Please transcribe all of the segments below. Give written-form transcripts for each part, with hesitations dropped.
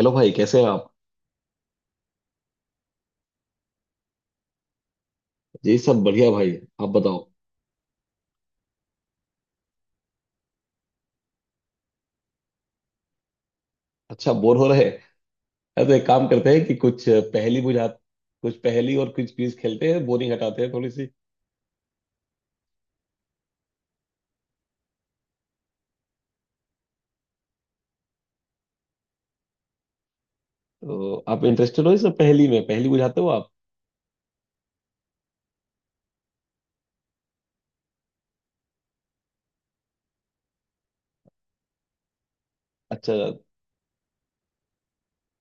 Hello भाई, कैसे हैं आप? जी सब बढ़िया भाई। आप बताओ। अच्छा, बोर हो रहे हैं। अरे तो एक काम करते हैं कि कुछ पहेली बुझा, कुछ पहेली और कुछ क्विज खेलते हैं, बोरिंग हटाते हैं थोड़ी सी। तो आप इंटरेस्टेड हो इस पहेली में? पहेली बुझाते हो आप? अच्छा,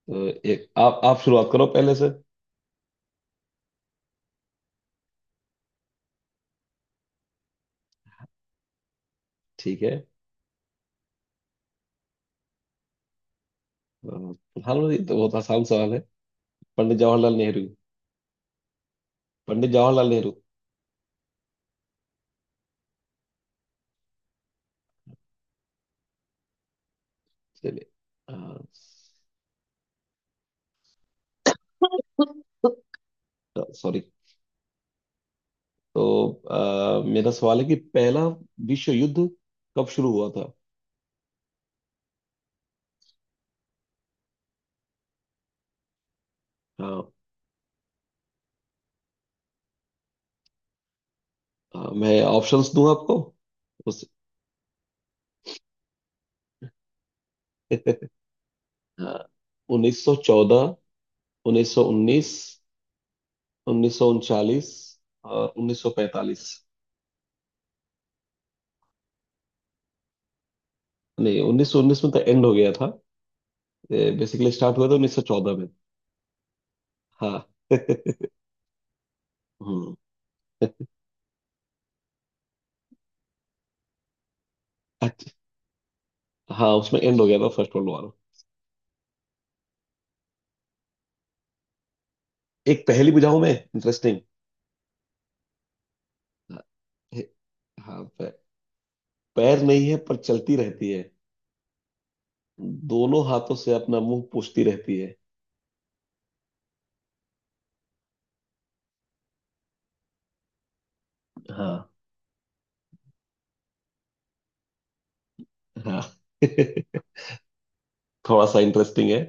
तो एक आप शुरुआत करो पहले से। ठीक है। प्रधानमंत्री तो बहुत आसान सवाल है। पंडित जवाहरलाल नेहरू। पंडित जवाहरलाल नेहरू। चलिए। सॉरी। तो मेरा सवाल है कि पहला विश्व युद्ध कब शुरू हुआ था। हाँ। हाँ, मैं ऑप्शंस दूं आपको? उस। हाँ, 1914, 1919, 1939 और 1945। नहीं, 1919 में तो एंड हो गया था। बेसिकली स्टार्ट हुआ था 1914 में। हाँ। हम्म। अच्छा। हाँ, उसमें एंड हो गया था फर्स्ट वर्ल्ड वॉर। एक पहेली बुझाऊं मैं, इंटरेस्टिंग। हाँ। हे- हाँ, पैर नहीं है पर चलती रहती है। दोनों हाथों से अपना मुंह पूछती रहती है। हाँ। हाँ। थोड़ा सा इंटरेस्टिंग है।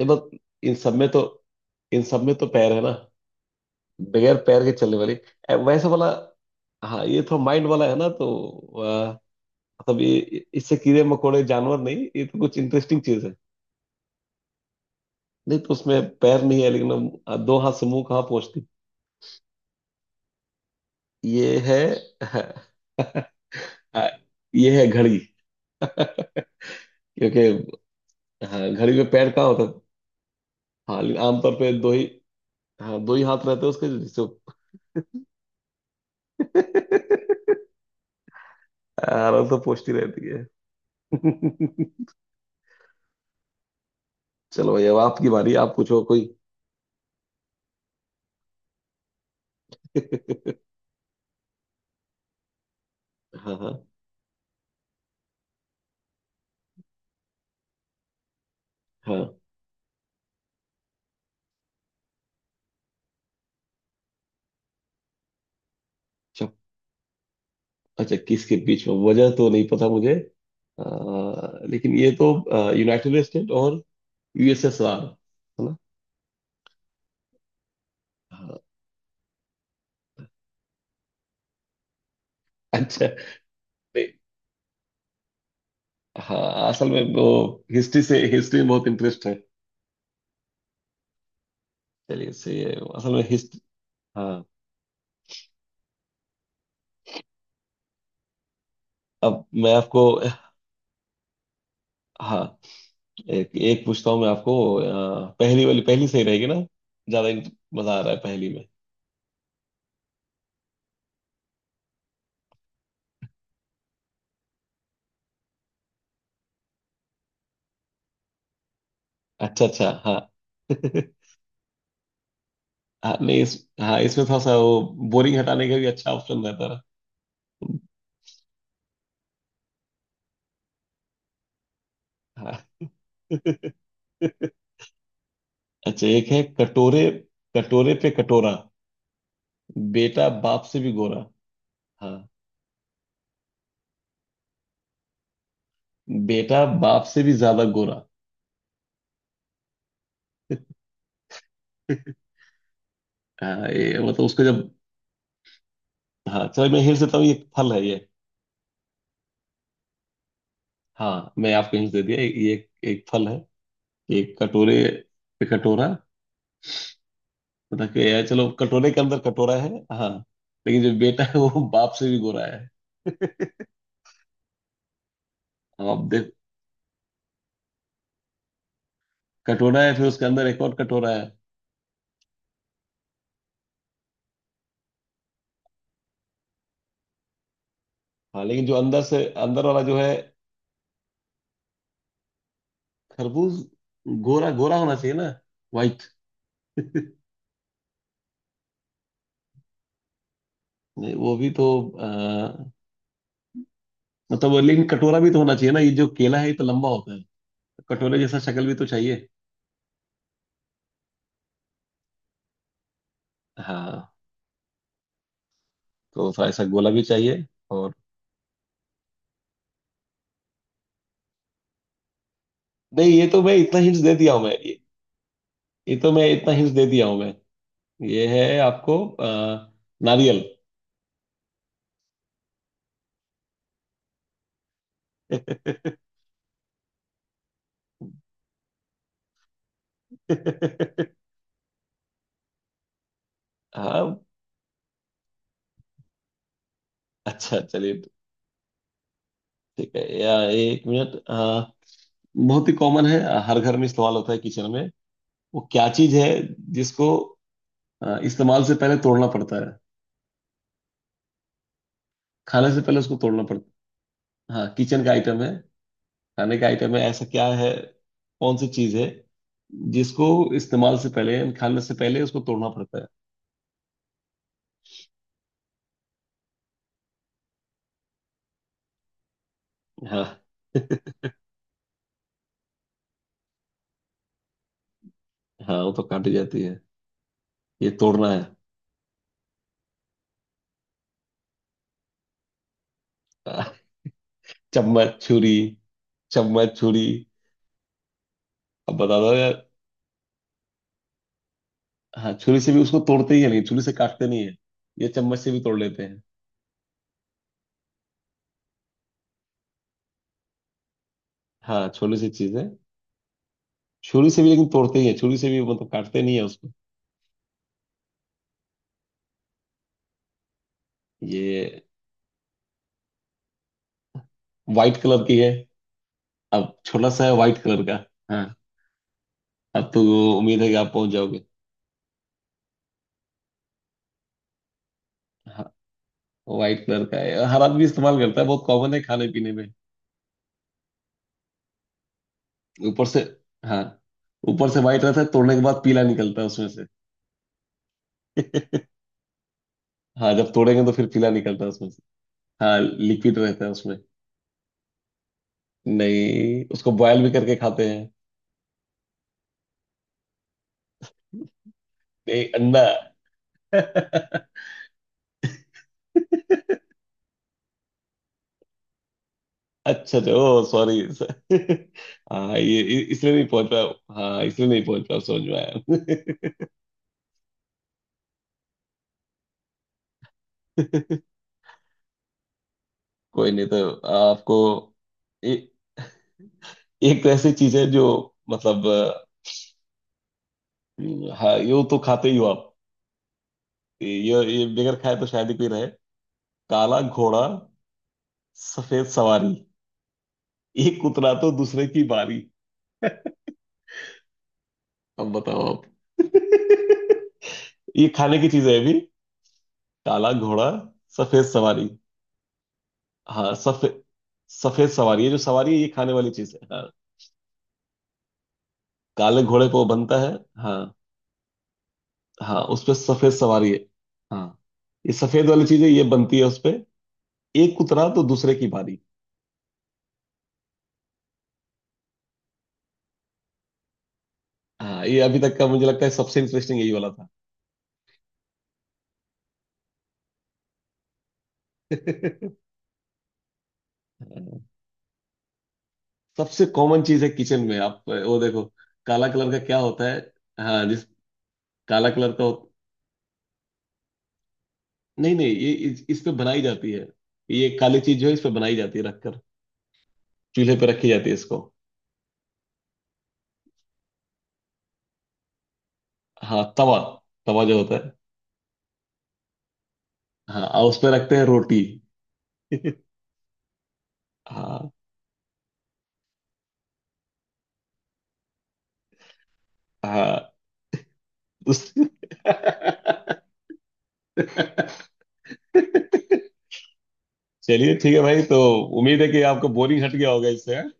ये बस, इन सब में तो इन सब में तो पैर है ना। बगैर पैर के चलने वाली वैसे वाला। हाँ, ये थोड़ा माइंड वाला है ना तो मतलब ये, इससे कीड़े मकोड़े जानवर नहीं, ये तो कुछ इंटरेस्टिंग चीज है। नहीं तो उसमें पैर नहीं है लेकिन दो हाथ से मुंह कहाँ पहुंचती। ये है। आ, ये है घड़ी। क्योंकि हाँ, घड़ी में पैर कहाँ होता है? हाँ, लेकिन आमतौर पे दो ही, हाँ दो ही हाथ रहते हैं उसके, जिससे। आराम से पहुंचती रहती है। चलो भाई, अब आपकी बारी, आप पूछो कोई। हाँ हाँ हाँ। अच्छा, अच्छा किसके बीच में, वजह तो नहीं पता मुझे, लेकिन ये तो यूनाइटेड स्टेट और यूएसएसआर है ना। हाँ। अच्छा। नहीं, हाँ असल में वो, हिस्ट्री से, हिस्ट्री में बहुत इंटरेस्ट है। चलिए, से असल में हिस्ट्री। हाँ। अब मैं आपको, हाँ एक एक पूछता हूँ मैं आपको, पहली वाली, पहली सही रहेगी ना। ज्यादा मजा आ रहा है पहली में। अच्छा अच्छा। हाँ। हाँ नहीं, हाँ इसमें थोड़ा सा वो, बोरिंग हटाने का भी अच्छा ऑप्शन रहता है। हाँ। अच्छा, एक है। कटोरे, कटोरे पे कटोरा, बेटा बाप से भी गोरा। हाँ, बेटा बाप से भी ज्यादा गोरा। हाँ, ये मतलब उसको जब, हाँ चलो मैं हिंट देता हूँ, ये एक फल है ये। हाँ, मैं आपको हिंट दे दिया। ये एक फल है। एक कटोरे पे कटोरा मतलब कि ये, चलो, कटोरे के अंदर कटोरा है। हाँ, लेकिन जो बेटा है वो बाप से भी गोरा है। अब आप देख, कटोरा है फिर उसके अंदर एक और कटोरा है। हाँ, लेकिन जो अंदर से, अंदर वाला जो है, खरबूज गोरा गोरा होना चाहिए ना, वाइट। वो भी तो आ, मतलब वो, लेकिन कटोरा भी तो होना चाहिए ना, ये जो केला है ये तो लंबा होता है। कटोरे जैसा शक्ल भी तो चाहिए। हाँ, तो थोड़ा ऐसा गोला भी चाहिए, और नहीं। ये तो मैं इतना हिंट्स दे दिया हूँ मैं, ये तो मैं इतना हिंट्स दे दिया हूँ मैं। ये है आपको, नारियल। हाँ। अच्छा, चलिए। ठीक है, या एक मिनट। बहुत ही कॉमन है, हर घर में इस्तेमाल होता है किचन में। वो क्या चीज है जिसको इस्तेमाल से पहले तोड़ना पड़ता है, खाने से पहले उसको तोड़ना पड़ता है। हाँ, किचन का आइटम है, खाने का आइटम है। ऐसा क्या है, कौन सी चीज है जिसको इस्तेमाल से पहले, यानी खाने से पहले उसको तोड़ना पड़ता है। हाँ। हाँ, वो तो काटी जाती है, ये तोड़ना है। हाँ, चम्मच, छुरी, चम्मच, छुरी। अब बता दो यार। हाँ, छुरी से भी उसको तोड़ते ही है, नहीं छुरी से काटते नहीं है। ये चम्मच से भी तोड़ लेते हैं। हाँ, छोटी सी चीज है। छुरी से भी लेकिन तोड़ते ही है, छुरी से भी मतलब काटते नहीं है उसको। ये व्हाइट कलर की है, अब छोटा सा है, व्हाइट कलर का। हाँ, अब तो उम्मीद है कि आप पहुंच जाओगे। हाँ, व्हाइट कलर का है, हर आदमी इस्तेमाल करता है, बहुत कॉमन है खाने पीने में। ऊपर से, हाँ ऊपर से व्हाइट रहता है, तोड़ने के बाद पीला निकलता है उसमें से। हाँ, जब तोड़ेंगे तो फिर पीला निकलता है उसमें से। हाँ, लिक्विड रहता है उसमें। नहीं, उसको बॉयल भी करके खाते हैं। नहीं, अंडा। अच्छा अच्छा, ओ सॉरी। हाँ, ये इसलिए नहीं पहुंच पाया। हाँ, इसलिए नहीं पहुंच पाया, समझ में आया। कोई नहीं। तो आपको, ए, एक तो ऐसी चीज है जो, मतलब हाँ, यूं तो खाते ही हो आप, ये ये बगैर खाए तो शायद ही कोई रहे। काला घोड़ा, सफेद सवारी, एक उतरा तो दूसरे की बारी। अब बताओ आप। ये खाने की चीज है अभी। काला घोड़ा, सफेद सवारी। हाँ, सफेद, सफेद सवारी है, जो सवारी है ये खाने वाली चीज है हाँ। काले घोड़े को बनता है। हाँ। हाँ, उस पे सफेद सवारी है। हाँ, ये सफेद वाली चीज है, ये बनती है उस पे। एक उतरा तो दूसरे की बारी। हाँ, ये अभी तक का मुझे लगता है सबसे इंटरेस्टिंग यही वाला था। सबसे कॉमन चीज है किचन में, आप वो देखो। काला कलर का क्या होता है। हाँ, जिस, काला कलर का नहीं नहीं, ये इस पे बनाई जाती है। ये काली चीज जो है इस पे बनाई जाती है, रखकर, चूल्हे पे रखी जाती है इसको। हाँ, तवा, तवा जो होता है। हाँ, और उस पे रखते हैं रोटी। हाँ। हाँ उस- चलिए ठीक है भाई, तो उम्मीद है कि आपको बोरिंग हट गया होगा इससे, हाँ?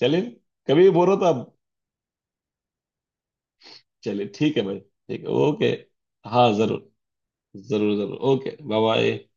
चलिए, कभी भी बोर हो तो आप, चलिए ठीक है भाई, ठीक है, ओके। हाँ जरूर, जरूर जरूर, ओके, बाय बाय।